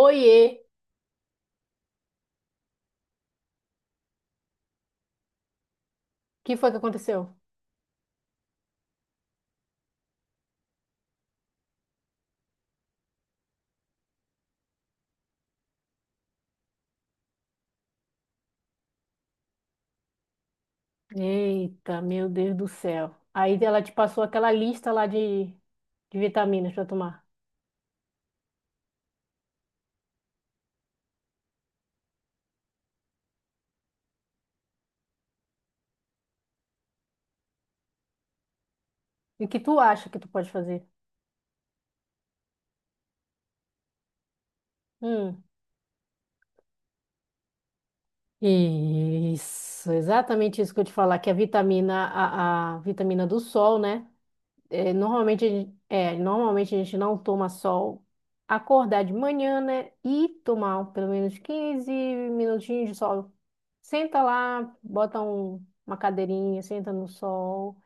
Oiê, o que foi que aconteceu? Eita, meu Deus do céu. Aí ela te passou aquela lista lá de vitaminas para tomar. E o que tu acha que tu pode fazer? Hum. Isso, exatamente isso que eu te falar, que a vitamina, a vitamina do sol, né? É, normalmente, normalmente a gente não toma sol, acordar de manhã, né? E tomar pelo menos 15 minutinhos de sol. Senta lá, bota uma cadeirinha, senta no sol.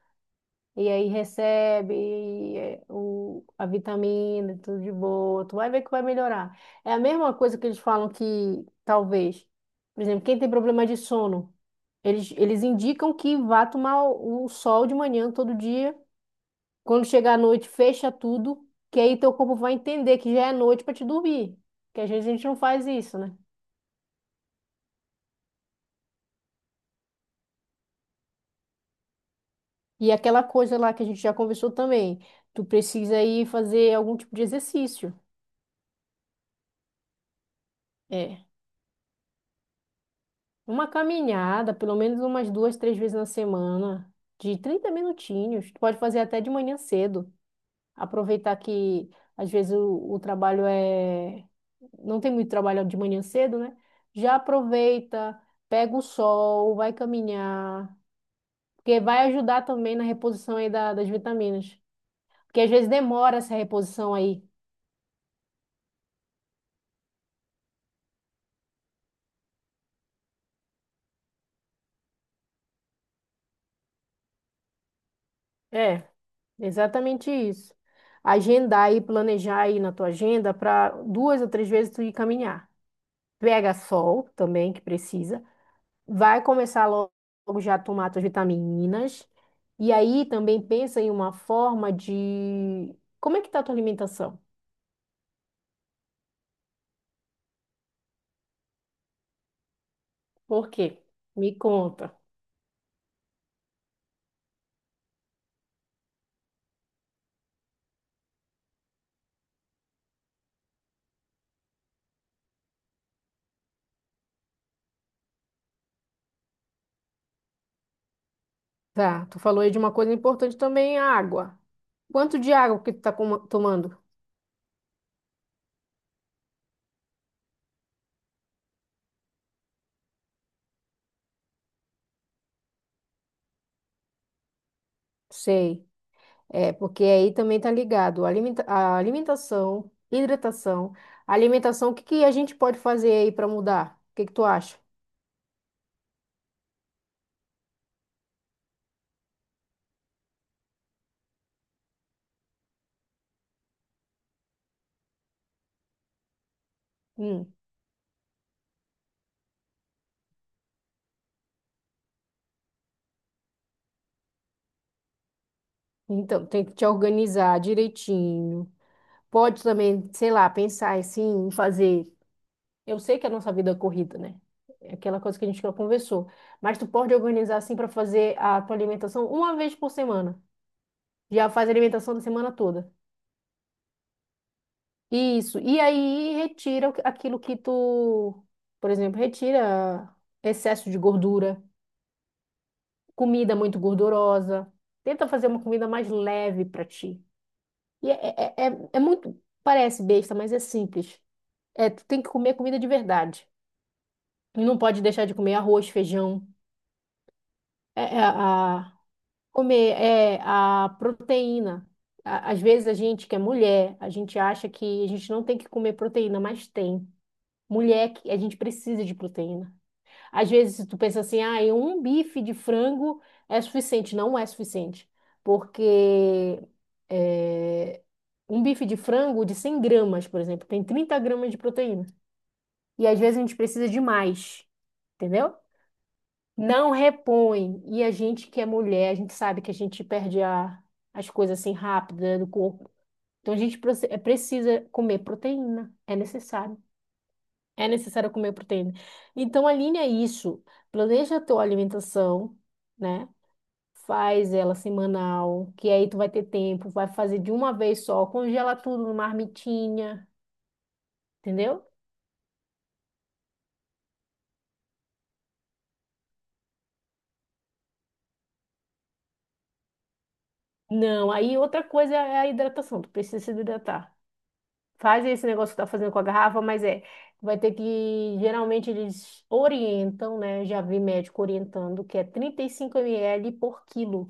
E aí recebe a vitamina, tudo de boa. Tu vai ver que vai melhorar. É a mesma coisa que eles falam que talvez, por exemplo, quem tem problema de sono, eles indicam que vá tomar o sol de manhã todo dia. Quando chegar à noite, fecha tudo, que aí teu corpo vai entender que já é noite para te dormir. Que às vezes a gente não faz isso, né? E aquela coisa lá que a gente já conversou também, tu precisa ir fazer algum tipo de exercício. É. Uma caminhada, pelo menos umas duas, três vezes na semana, de 30 minutinhos. Tu pode fazer até de manhã cedo. Aproveitar que às vezes o trabalho é. Não tem muito trabalho de manhã cedo, né? Já aproveita, pega o sol, vai caminhar, porque vai ajudar também na reposição aí das vitaminas. Porque às vezes demora essa reposição aí. É, exatamente isso. Agendar e planejar aí na tua agenda para duas ou três vezes tu ir caminhar. Pega sol também, que precisa. Vai começar logo já a tomar suas vitaminas. E aí também pensa em uma forma de... Como é que tá a tua alimentação? Por quê? Me conta. Tá, tu falou aí de uma coisa importante também, a água. Quanto de água que tu tá tomando? Sei. É, porque aí também tá ligado. A alimentação, hidratação. Alimentação, o que que a gente pode fazer aí para mudar? O que que tu acha? Hum. Então, tem que te organizar direitinho. Pode também, sei lá, pensar assim, em fazer. Eu sei que a nossa vida é corrida, né? É aquela coisa que a gente já conversou. Mas tu pode organizar assim para fazer a tua alimentação uma vez por semana. Já faz a alimentação da semana toda. Isso. E aí retira aquilo que tu, por exemplo, retira excesso de gordura, comida muito gordurosa. Tenta fazer uma comida mais leve para ti. E é muito. Parece besta, mas é simples. É, tu tem que comer comida de verdade. E não pode deixar de comer arroz, feijão, é, é, a, comer a proteína. Às vezes a gente que é mulher, a gente acha que a gente não tem que comer proteína, mas tem. Mulher, a gente precisa de proteína. Às vezes tu pensa assim, ah, e um bife de frango é suficiente. Não é suficiente, porque é, um bife de frango de 100 gramas, por exemplo, tem 30 gramas de proteína. E às vezes a gente precisa de mais, entendeu? Não repõe. E a gente que é mulher, a gente sabe que a gente perde as coisas assim rápida do corpo. Então a gente precisa comer proteína. É necessário. É necessário comer proteína. Então alinha isso. Planeja a tua alimentação, né? Faz ela semanal, que aí tu vai ter tempo, vai fazer de uma vez só, congela tudo numa marmitinha, entendeu? Não, aí outra coisa é a hidratação, tu precisa se hidratar. Fazem esse negócio que tá fazendo com a garrafa, mas vai ter que, geralmente eles orientam, né? Já vi médico orientando que é 35 ml por quilo.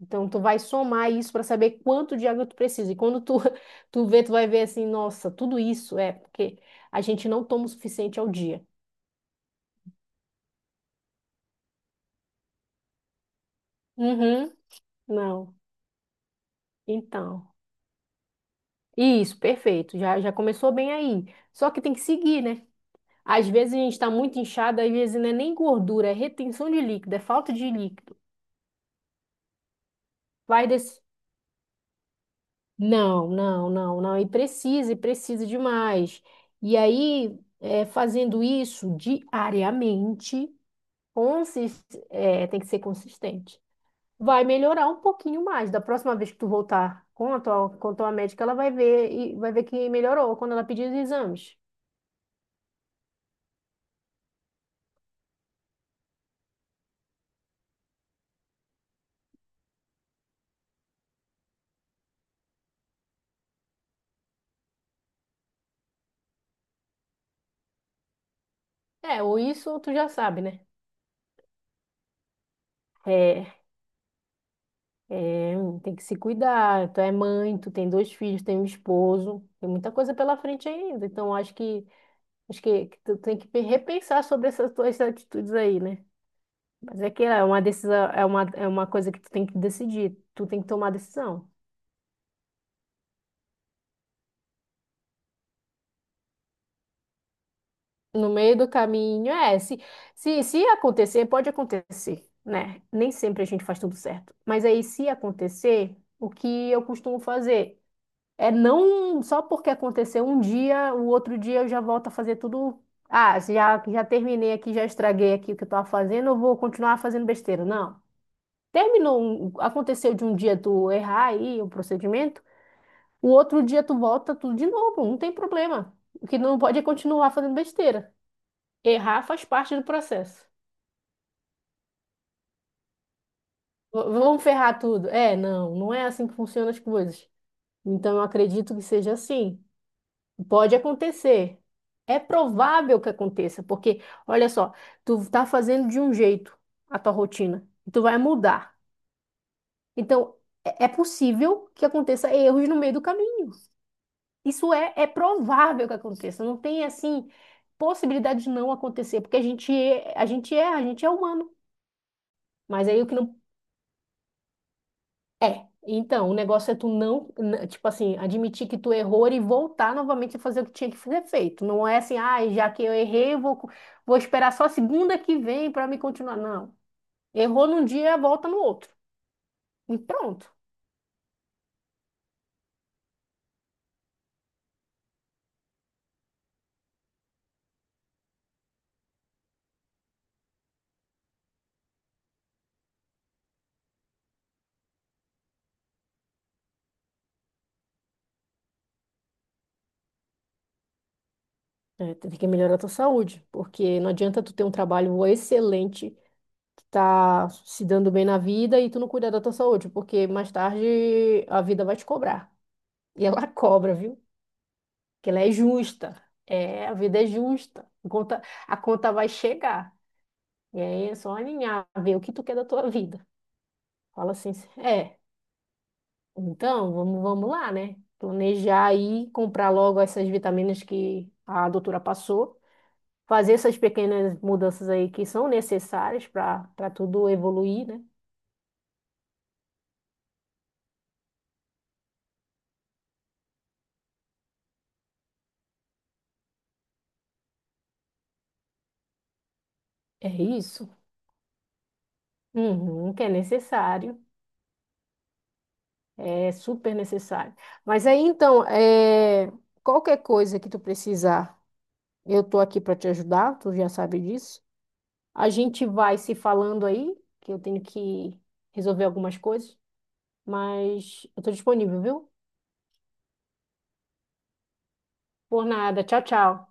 Então tu vai somar isso para saber quanto de água tu precisa. E quando tu tu vê, tu vai ver assim, nossa, tudo isso é porque a gente não toma o suficiente ao dia. Uhum, não. Então, isso, perfeito. Já já começou bem aí. Só que tem que seguir, né? Às vezes a gente está muito inchado, às vezes não é nem gordura, é retenção de líquido, é falta de líquido. Vai desse. Não, não, não, não. E precisa demais. E aí, fazendo isso diariamente, tem que ser consistente. Vai melhorar um pouquinho mais. Da próxima vez que tu voltar com a tua médica, ela vai ver e vai ver que melhorou quando ela pedir os exames. É, ou isso, ou tu já sabe, né? É, é, tem que se cuidar. Tu é mãe, tu tem dois filhos, tem um esposo, tem muita coisa pela frente ainda. Então, acho que, tu tem que repensar sobre essas tuas atitudes aí, né? Mas é que é uma decisão, é uma coisa que tu tem que decidir, tu tem que tomar a decisão. No meio do caminho, se acontecer, pode acontecer, né? Nem sempre a gente faz tudo certo. Mas aí, se acontecer, o que eu costumo fazer é não só porque aconteceu um dia, o outro dia eu já volto a fazer tudo. Ah, já, já terminei aqui, já estraguei aqui o que eu tava fazendo, eu vou continuar fazendo besteira. Não. Terminou, aconteceu de um dia tu errar aí o procedimento, o outro dia tu volta tudo de novo, não tem problema. O que não pode é continuar fazendo besteira. Errar faz parte do processo. Vamos ferrar tudo. É, não, não é assim que funcionam as coisas. Então eu acredito que seja assim. Pode acontecer. É provável que aconteça, porque olha só, tu tá fazendo de um jeito a tua rotina, e tu vai mudar. Então é possível que aconteça erros no meio do caminho. Isso é provável que aconteça, não tem assim possibilidade de não acontecer, porque a gente é, a gente é, a gente é humano. Mas aí o que não é. Então, o negócio é tu não, tipo assim, admitir que tu errou e voltar novamente a fazer o que tinha que ser feito. Não é assim, ah, já que eu errei, eu vou esperar só a segunda que vem para me continuar. Não. Errou num dia, volta no outro. E pronto. É, tu tem que melhorar a tua saúde, porque não adianta tu ter um trabalho excelente tu tá se dando bem na vida e tu não cuida da tua saúde, porque mais tarde a vida vai te cobrar. E ela cobra, viu? Porque ela é justa. É, a vida é justa. A conta vai chegar. E aí é só alinhar, ver o que tu quer da tua vida. Fala assim, é, então vamos lá, né? Planejar aí, comprar logo essas vitaminas que a doutora passou. Fazer essas pequenas mudanças aí que são necessárias para tudo evoluir, né? É isso. Uhum, que é necessário, é super necessário. Mas aí então, qualquer coisa que tu precisar, eu tô aqui para te ajudar, tu já sabe disso. A gente vai se falando aí, que eu tenho que resolver algumas coisas, mas eu tô disponível, viu? Por nada, tchau, tchau.